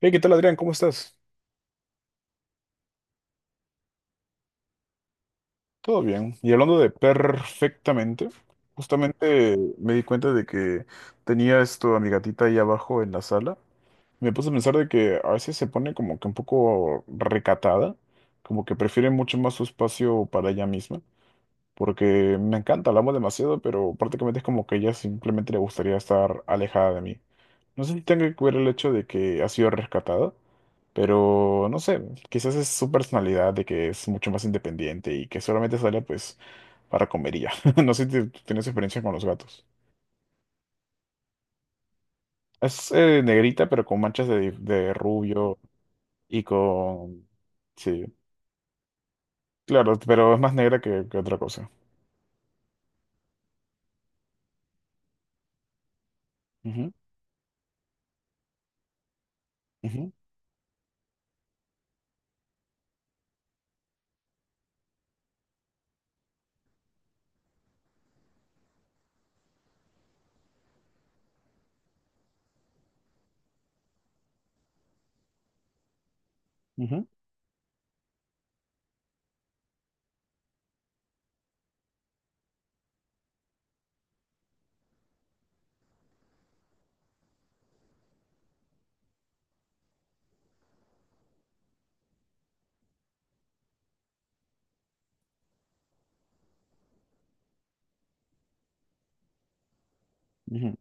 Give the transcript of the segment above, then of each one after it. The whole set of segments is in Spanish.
Hey, ¿qué tal, Adrián? ¿Cómo estás? Todo bien. Y hablando de perfectamente, justamente me di cuenta de que tenía esto a mi gatita ahí abajo en la sala. Me puse a pensar de que a veces se pone como que un poco recatada, como que prefiere mucho más su espacio para ella misma. Porque me encanta, la amo demasiado, pero prácticamente es como que ella simplemente le gustaría estar alejada de mí. No sé si tenga que ver el hecho de que ha sido rescatada, pero no sé, quizás es su personalidad de que es mucho más independiente y que solamente sale pues para comer y ya. No sé si tú tienes experiencia con los gatos. Es negrita, pero con manchas de rubio y con... Sí, claro, pero es más negra que otra cosa. Ujú, ujú, ujú, ujú.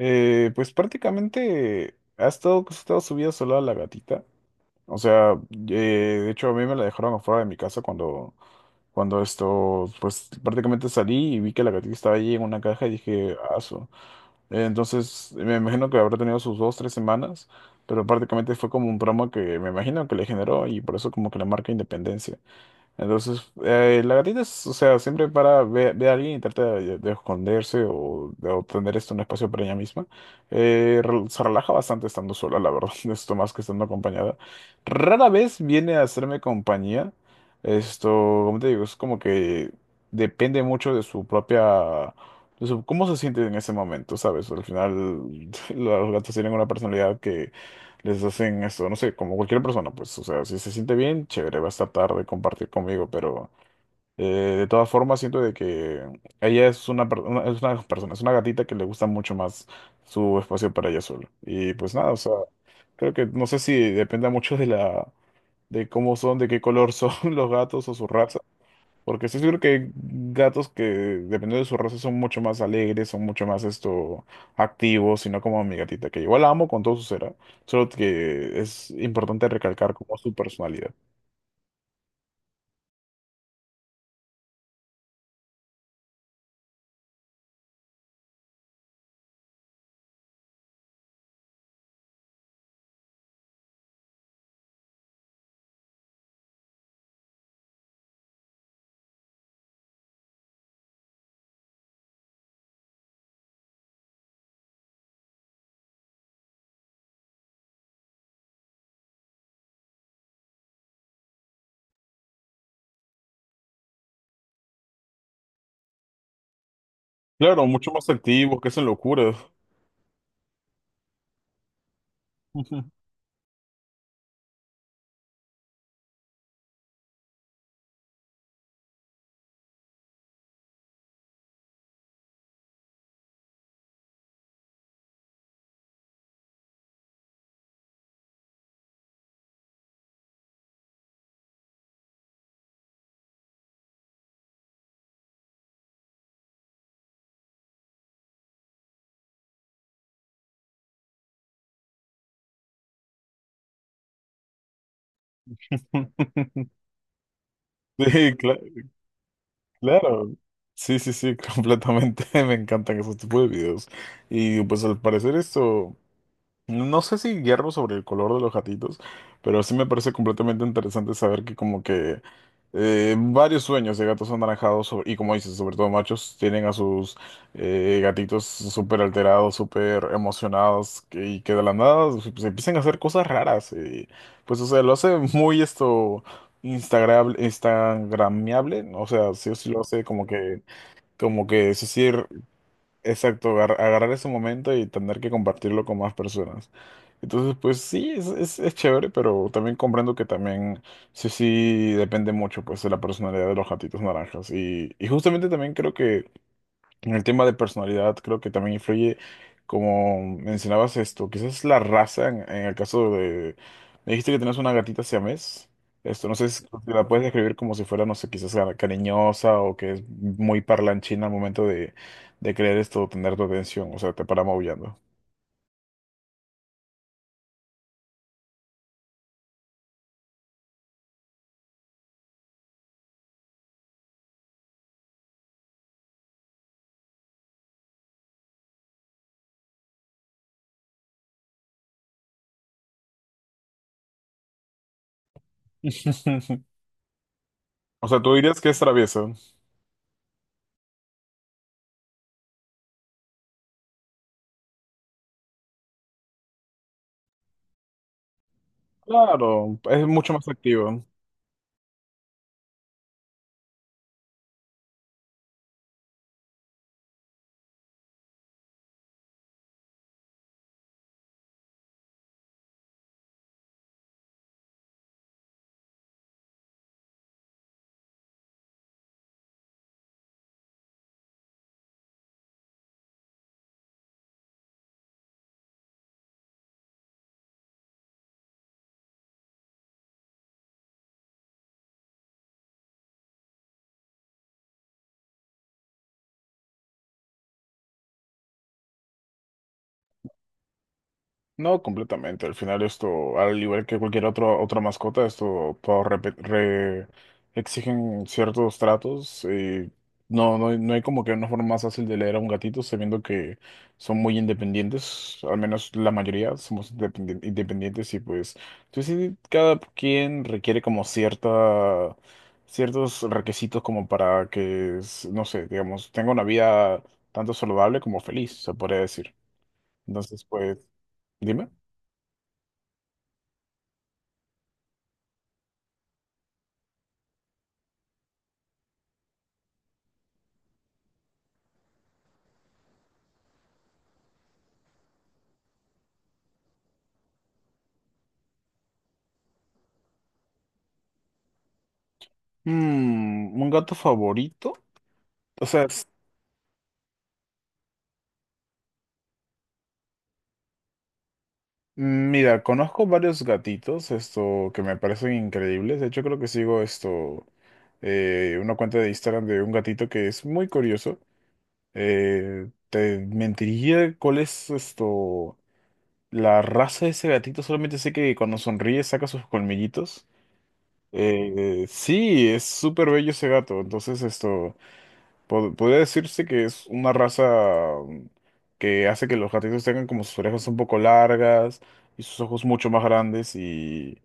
Pues prácticamente ha estado, pues, ha estado subida sola la gatita. O sea, eh, de hecho a mí me la dejaron afuera de mi casa cuando, pues prácticamente salí y vi que la gatita estaba allí en una caja y dije, aso. Entonces me imagino que habrá tenido sus dos, tres semanas, pero prácticamente fue como un trauma que me imagino que le generó y por eso como que la marca Independencia. Entonces, la gatita es, o sea, siempre para ver a alguien y trata de esconderse o de obtener esto un espacio para ella misma. Se relaja bastante estando sola, la verdad, esto más que estando acompañada. Rara vez viene a hacerme compañía. Esto, Como te digo, es como que depende mucho de su propia, de su- cómo se siente en ese momento, ¿sabes? Al final, los gatos tienen una personalidad, les hacen no sé, como cualquier persona, pues, o sea, si se siente bien, chévere, va a estar tarde compartir conmigo, pero eh, de todas formas siento de que ella es es una persona, es una gatita que le gusta mucho más su espacio para ella sola. Y pues nada, o sea, creo que no sé si depende mucho de cómo son, de qué color son los gatos o su raza. Porque estoy seguro que hay gatos que, dependiendo de su raza, son mucho más alegres, son mucho más activos, y no como mi gatita, que igual la amo con todo su ser, ¿ah? Solo que es importante recalcar como su personalidad. Claro, mucho más activos, que hacen locuras. Sí, cla- claro. Sí, sí, sí, completamente. Me encantan esos tipos de videos. Y pues al parecer esto. No sé si guiarme sobre el color de los gatitos, pero sí me parece completamente interesante saber que como que varios sueños de gatos anaranjados sobre- y como dices, sobre todo machos, tienen a sus gatitos súper alterados, súper emocionados que- y que de la nada se empiezan a hacer cosas raras. Pues o sea, lo hace muy esto instagram instagramiable, o sea, sí o sí lo hace como que es decir exacto, agarrar ese momento y tener que compartirlo con más personas. Entonces, pues sí, es chévere, pero también comprendo que también sí, sí depende mucho pues de la personalidad de los gatitos naranjas. Y justamente también creo que en el tema de personalidad, creo que también influye, como mencionabas quizás la raza, en el caso de... Me dijiste que tenías una gatita siamés. Esto, no sé si la puedes describir como si fuera, no sé, quizás cariñosa o que es muy parlanchina al momento de querer tener tu atención, o sea, te para maullando. O sea, tú dirías que es traviesa. Claro, es mucho más activo. No, completamente. Al final esto, al igual que cualquier otro, otra mascota, esto todos exigen ciertos tratos. Y no hay como que una forma más fácil de leer a un gatito, sabiendo que son muy independientes, al menos la mayoría somos independientes y pues, pues sí, cada quien requiere como ciertos requisitos como para que, no sé, digamos, tenga una vida tanto saludable como feliz, se podría decir. Entonces, pues, dime. Mm, ¿un gato favorito? O sea, es- Mira, conozco varios gatitos, que me parecen increíbles. De hecho, creo que sigo una cuenta de Instagram de un gatito que es muy curioso. Te mentiría cuál es la raza de ese gatito. Solamente sé que cuando sonríe saca sus colmillitos. Sí, es súper bello ese gato. Entonces, esto. Pod- podría decirse que es una raza mm, que hace que los gatitos tengan como sus orejas un poco largas y sus ojos mucho más grandes y...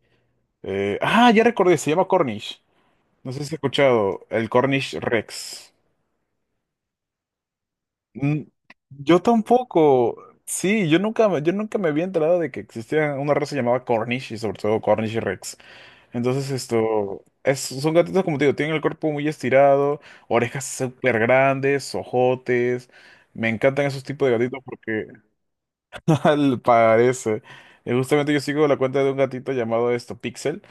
ya recordé, se llama Cornish. No sé si has escuchado, el Cornish Rex. Mm, yo tampoco. Sí, yo nunca me había enterado de que existía una raza llamada Cornish y sobre todo Cornish Rex. Entonces son gatitos como te digo, tienen el cuerpo muy estirado, orejas súper grandes, ojotes. Me encantan esos tipos de gatitos porque al parece. Justamente yo sigo la cuenta de un gatito llamado esto Pixel,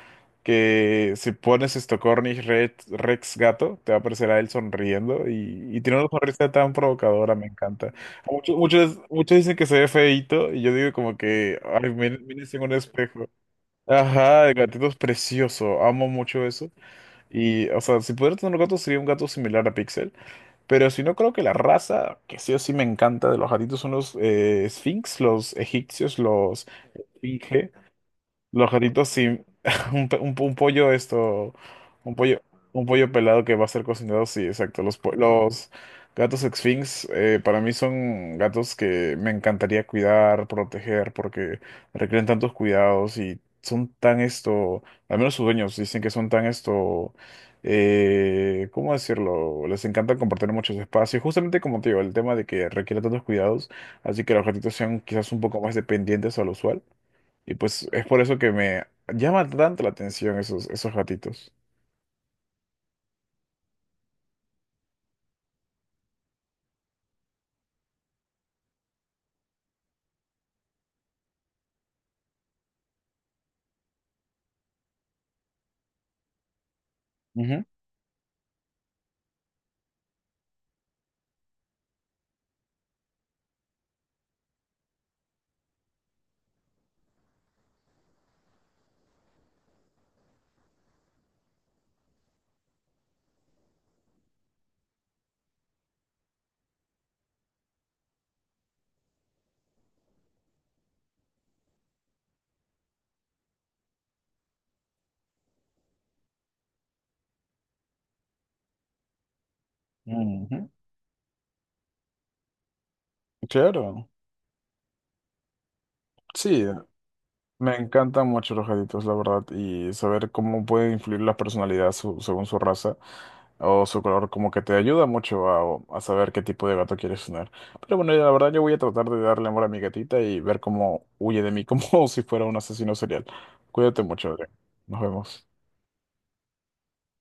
que si pones esto Cornish Rex, Rex gato, te va a aparecer a él sonriendo y tiene una sonrisa tan provocadora, me encanta. Muchos, muchos, muchos dicen que se ve feíto y yo digo como que, ay, miren, en un espejo. Ajá, el gatito es precioso, amo mucho eso. Y, o sea, si pudiera tener un gato sería un gato similar a Pixel, pero si no creo que la raza que sí o sí me encanta de los gatitos son los Sphinx, los egipcios, los esfinge. Los gatitos sí. Un pollo esto. Un pollo. Un pollo pelado que va a ser cocinado, sí, exacto. Los gatos Sphinx para mí son gatos que me encantaría cuidar, proteger, porque requieren tantos cuidados y son tan al menos sus dueños dicen que son tan ¿cómo decirlo? Les encanta compartir muchos espacios, justamente como te digo, el tema de que requiere tantos cuidados, así que los gatitos sean quizás un poco más dependientes a lo usual. Y pues es por eso que me llama tanto la atención esos gatitos. Ujú, ujú. Claro, sí, me encantan mucho los gatitos, la verdad, y saber cómo puede influir la personalidad según su raza o su color, como que te ayuda mucho a saber qué tipo de gato quieres tener. Pero bueno, la verdad yo voy a tratar de darle amor a mi gatita y ver cómo huye de mí, como si fuera un asesino serial. Cuídate mucho, Adrián. Nos vemos.